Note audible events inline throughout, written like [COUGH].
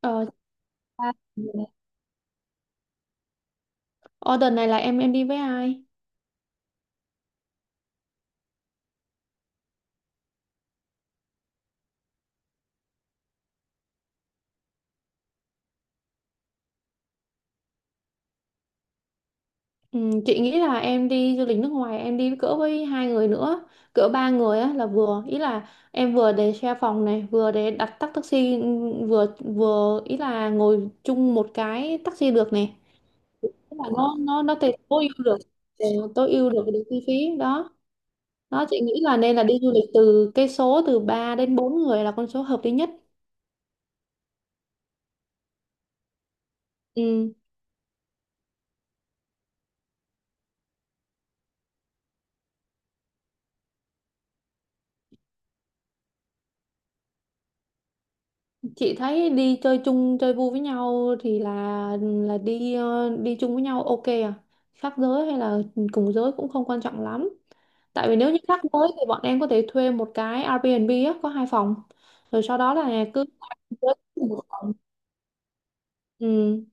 Ờ. À. Ờ, này là em đi với ai? Ừ, chị nghĩ là em đi du lịch nước ngoài em đi cỡ với hai người nữa, cỡ ba người á là vừa, ý là em vừa để share phòng này, vừa để đặt tắc taxi, vừa vừa ý là ngồi chung một cái taxi được này. Tức là nó ờ, tối ưu được được chi phí đó. Đó chị nghĩ là nên là đi du lịch từ cái số từ 3 đến 4 người là con số hợp lý nhất. Ừ, chị thấy đi chơi chung chơi vui với nhau thì là đi chung với nhau ok à, khác giới hay là cùng giới cũng không quan trọng lắm. Tại vì nếu như khác giới thì bọn em có thể thuê một cái Airbnb á, có hai phòng rồi sau đó là cứ cùng một phòng. Ừ.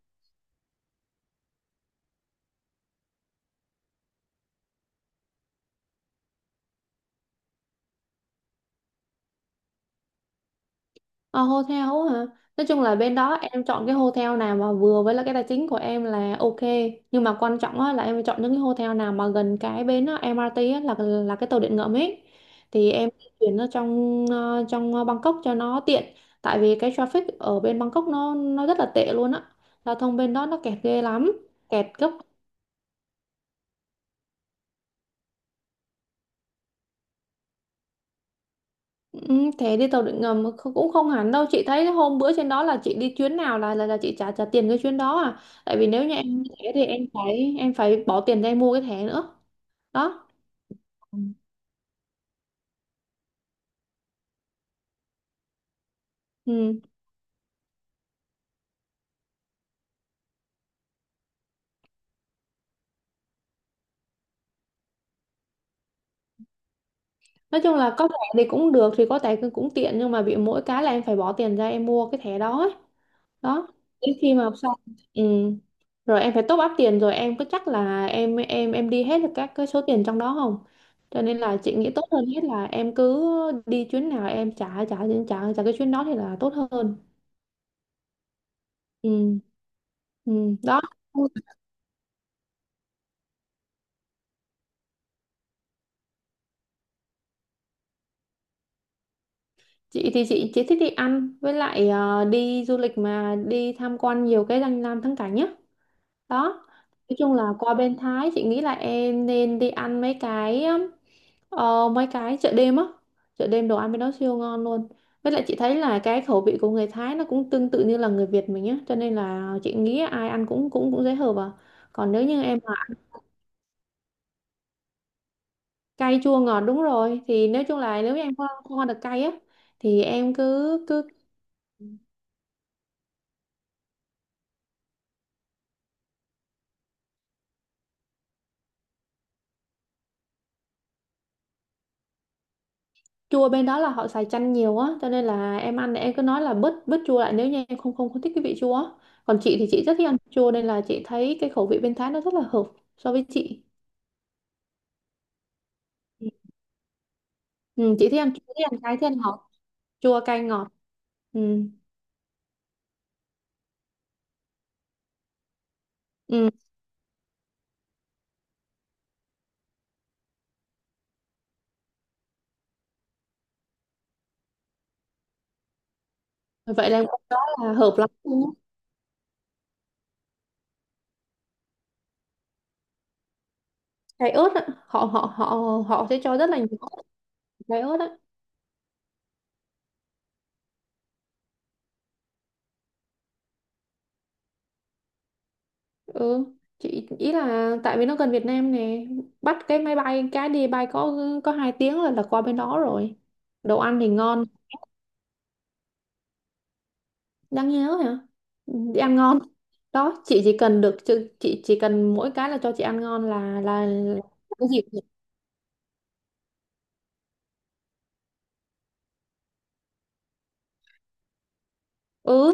Ờ, hotel hả? Nói chung là bên đó em chọn cái hotel nào mà vừa với là cái tài chính của em là ok. Nhưng mà quan trọng á, là em phải chọn những cái hotel nào mà gần cái bến á, MRT á, là cái tàu điện ngầm ấy. Thì em di chuyển nó trong Bangkok cho nó tiện. Tại vì cái traffic ở bên Bangkok nó rất là tệ luôn á. Giao thông bên đó nó kẹt ghê lắm, kẹt gấp. Ừ, thế đi tàu điện ngầm cũng không hẳn đâu, chị thấy cái hôm bữa trên đó là chị đi chuyến nào là chị trả trả tiền cái chuyến đó à. Tại vì nếu như em như thế thì em phải bỏ tiền ra em mua cái thẻ nữa. Đó. Ừ. Ừ. Nói chung là có thẻ thì cũng được, thì có thẻ cũng cũng tiện nhưng mà bị mỗi cái là em phải bỏ tiền ra em mua cái thẻ đó ấy. Đó, đến khi mà học xong. Ừ. Rồi em phải top up tiền rồi em có chắc là em đi hết được các cái số tiền trong đó không. Cho nên là chị nghĩ tốt hơn hết là em cứ đi chuyến nào em trả trả trả trả cái chuyến đó thì là tốt hơn. Ừ. Ừ. Đó, chị thì chị chỉ thích đi ăn với lại đi du lịch mà đi tham quan nhiều cái danh lam thắng cảnh nhá. Đó, nói chung là qua bên Thái chị nghĩ là em nên đi ăn mấy cái chợ đêm á. Chợ đêm đồ ăn bên đó siêu ngon luôn, với lại chị thấy là cái khẩu vị của người Thái nó cũng tương tự như là người Việt mình á, cho nên là chị nghĩ ai ăn cũng cũng cũng dễ hợp à. Còn nếu như em mà cay chua ngọt đúng rồi, thì nói chung là nếu như em không ăn được cay á, thì em cứ cứ chua bên đó là họ xài chanh nhiều á, cho nên là em ăn thì em cứ nói là bớt bớt chua lại nếu như em không không không thích cái vị chua á. Còn chị thì chị rất thích ăn chua nên là chị thấy cái khẩu vị bên Thái nó rất là hợp so với chị. Ừ, chị thích ăn chua, thích ăn cay, thích ăn ngọt, chua cay ngọt. Ừ. Ừ. Vậy là đó là hợp lắm luôn á. Cay ớt á, họ họ họ họ sẽ cho rất là nhiều ớt, cay ớt á. Ừ, chị ý là tại vì nó gần Việt Nam nè, bắt cái máy bay cái đi bay có 2 tiếng là qua bên đó rồi, đồ ăn thì ngon. Đáng nhớ hả? Đi ăn ngon. Đó chị chỉ cần chị chỉ cần mỗi cái là cho chị ăn ngon là cái gì cũng được. Ừ,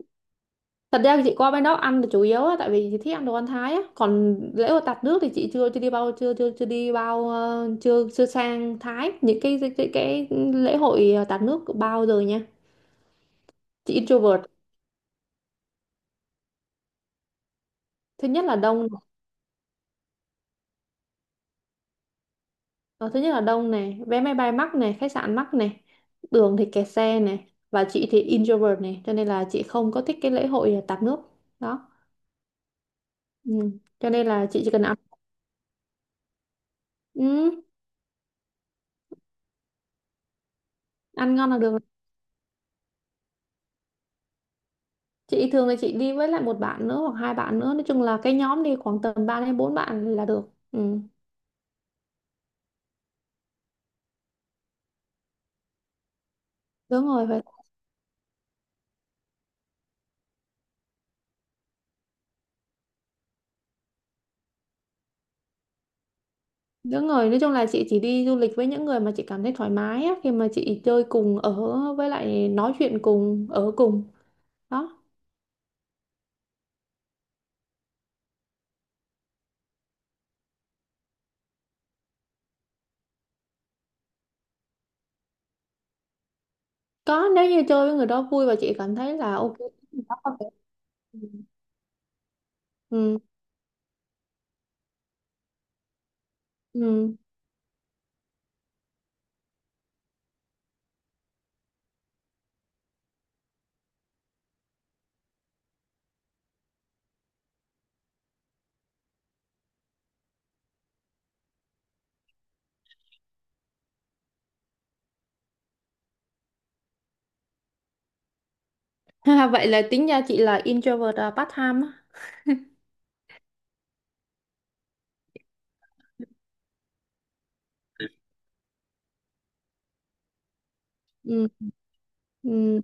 thật ra chị qua bên đó ăn là chủ yếu á, tại vì chị thích ăn đồ ăn Thái á, còn lễ hội tạt nước thì chị chưa chưa đi bao chưa chưa chưa đi bao ờ, chưa chưa sang Thái những cái lễ hội tạt nước bao giờ nha. Chị introvert, thứ nhất là đông. Ờ, thứ nhất là đông này, vé máy bay mắc này, khách sạn mắc này, đường thì kẹt xe này, và chị thì introvert này, cho nên là chị không có thích cái lễ hội tạt nước. Đó. Ừ. Cho nên là chị chỉ cần ăn, ừ, ăn ngon là được. Chị thường là chị đi với lại một bạn nữa hoặc hai bạn nữa, nói chung là cái nhóm đi khoảng tầm 3 đến 4 bạn là được. Ừ. Đúng rồi, vậy. Đúng rồi, nói chung là chị chỉ đi du lịch với những người mà chị cảm thấy thoải mái á, khi mà chị chơi cùng ở với lại nói chuyện cùng ở cùng. Đó. Có, nếu như chơi với người đó vui và chị cảm thấy là ok. Đó ừ. Ừ. [LAUGHS] Ha, vậy là tính ra chị là introvert à, part time á. Ừ. Ừ.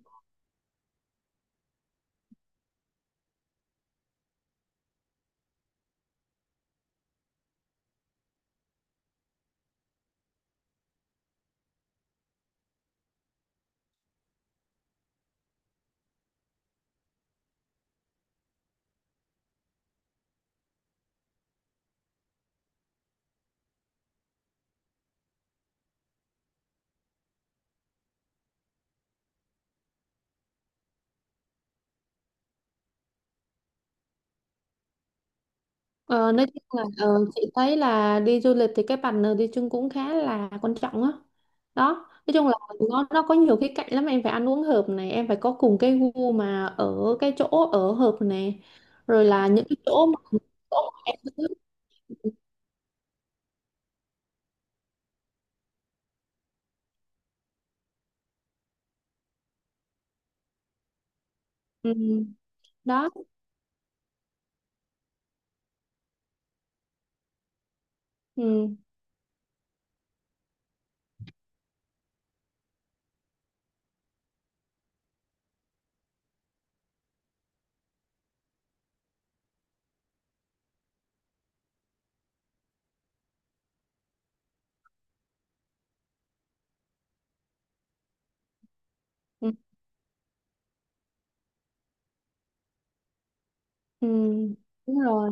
Ờ, nói chung là chị thấy là đi du lịch thì cái partner đi chung cũng khá là quan trọng á. Đó. Nói chung là nó có nhiều khía cạnh lắm, em phải ăn uống hợp này, em phải có cùng cái gu mà ở cái chỗ ở hợp này. Rồi là những cái chỗ mà em thích. Ừ. Đó. Ừ. Ừ. Ừ. Đúng rồi.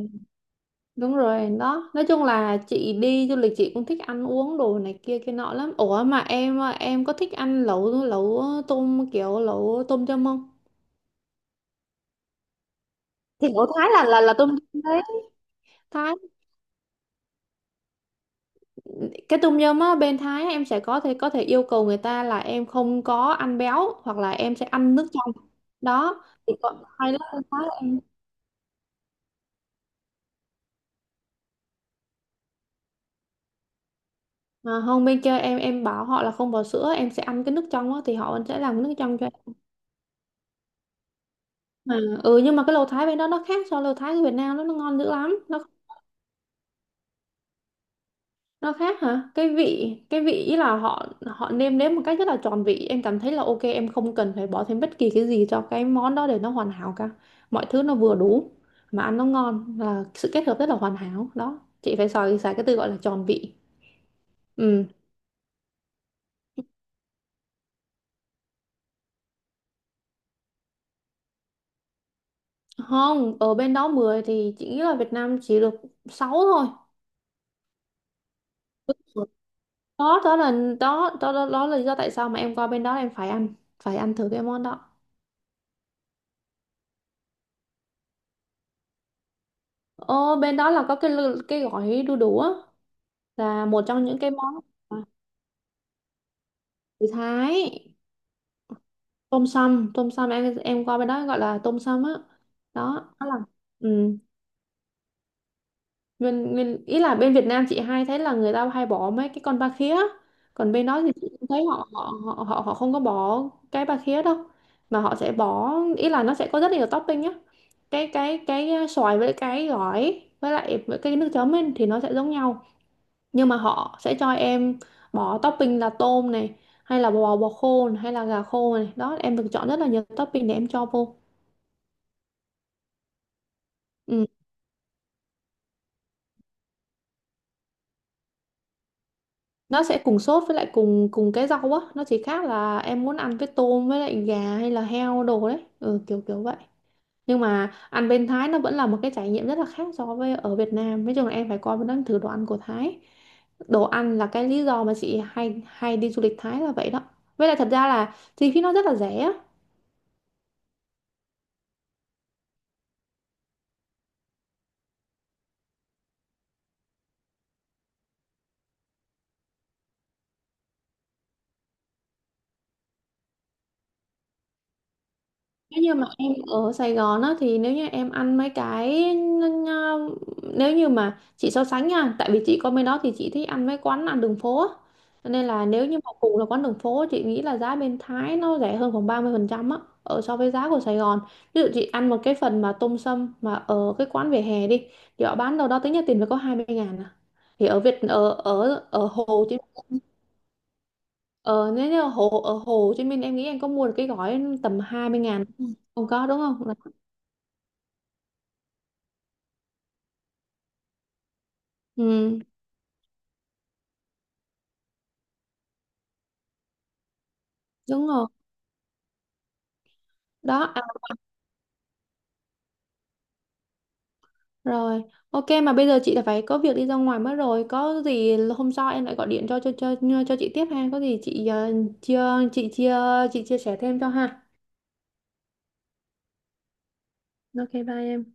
Đúng rồi đó. Nói chung là chị đi du lịch chị cũng thích ăn uống đồ này kia kia nọ lắm. Ủa mà em em có thích ăn lẩu lẩu tôm kiểu lẩu tôm yum không? Thì lẩu Thái là tôm yum đấy, Thái. Cái tôm yum á bên Thái em sẽ có thể yêu cầu người ta là em không có ăn béo hoặc là em sẽ ăn nước trong. Đó thì còn hay lắm bên Thái em. À, không, bên kia em bảo họ là không bỏ sữa em sẽ ăn cái nước trong á thì họ sẽ làm cái nước trong cho em. À, ừ, nhưng mà cái lẩu Thái bên đó nó khác so với lẩu Thái của Việt Nam, nó ngon dữ lắm nó. Nó khác hả? Cái vị ý là họ họ nêm nếm một cách rất là tròn vị, em cảm thấy là ok em không cần phải bỏ thêm bất kỳ cái gì cho cái món đó để nó hoàn hảo cả, mọi thứ nó vừa đủ mà ăn nó ngon, là sự kết hợp rất là hoàn hảo. Đó chị phải xài xài cái từ gọi là tròn vị. Ừ. Không, ở bên đó 10 thì chị nghĩ là Việt Nam chỉ được 6 thôi. Đó đó là đó đó đó, đó là lý do tại sao mà em qua bên đó em phải ăn thử cái món đó. Ồ, bên đó là có cái cái gói đu đủ á, là một trong những cái món. À, người Thái, tôm sâm tôm sâm, em qua bên đó gọi là tôm sâm á. Đó đó là. Ừ. nguyên nguyên ý là bên Việt Nam chị hay thấy là người ta hay bỏ mấy cái con ba khía, còn bên đó thì chị cũng thấy họ họ họ họ họ không có bỏ cái ba khía đâu, mà họ sẽ bỏ, ý là nó sẽ có rất nhiều topping nhá. Xoài với cái gỏi với lại với cái nước chấm ấy, thì nó sẽ giống nhau, nhưng mà họ sẽ cho em bỏ topping là tôm này, hay là bò bò khô này, hay là gà khô này. Đó em được chọn rất là nhiều topping để em cho vô. Ừ. Nó sẽ cùng sốt với lại cùng cùng cái rau á, nó chỉ khác là em muốn ăn với tôm với lại gà hay là heo đồ đấy, ừ, kiểu kiểu vậy. Nhưng mà ăn bên Thái nó vẫn là một cái trải nghiệm rất là khác so với ở Việt Nam, nói chung là em phải coi nó thử đồ ăn của Thái. Đồ ăn là cái lý do mà chị hay hay đi du lịch Thái là vậy đó, với lại thật ra là chi phí nó rất là rẻ. Nếu như mà em ở Sài Gòn á thì nếu như em ăn mấy cái nếu như mà chị so sánh nha, tại vì chị có bên đó thì chị thích ăn mấy quán ăn đường phố á. Cho nên là nếu như mà cùng là quán đường phố chị nghĩ là giá bên Thái nó rẻ hơn khoảng 30% á, ở so với giá của Sài Gòn. Ví dụ chị ăn một cái phần mà tôm sâm mà ở cái quán vỉa hè đi, thì họ bán đâu đó tính ra tiền phải có 20.000 à. Thì ở Việt ở ở ở Hồ Chí Minh ờ, Nếu như ở Hồ Chí Minh em nghĩ em có mua được cái gói tầm 20.000 không? Không có đúng không? Ừ, đúng rồi. Đó, à, rồi. Ok, mà bây giờ chị đã phải có việc đi ra ngoài mất rồi. Có gì hôm sau em lại gọi điện cho chị tiếp ha. Có gì chị ờ, chia chị chia chị chia sẻ thêm cho ha. Ok, bye em.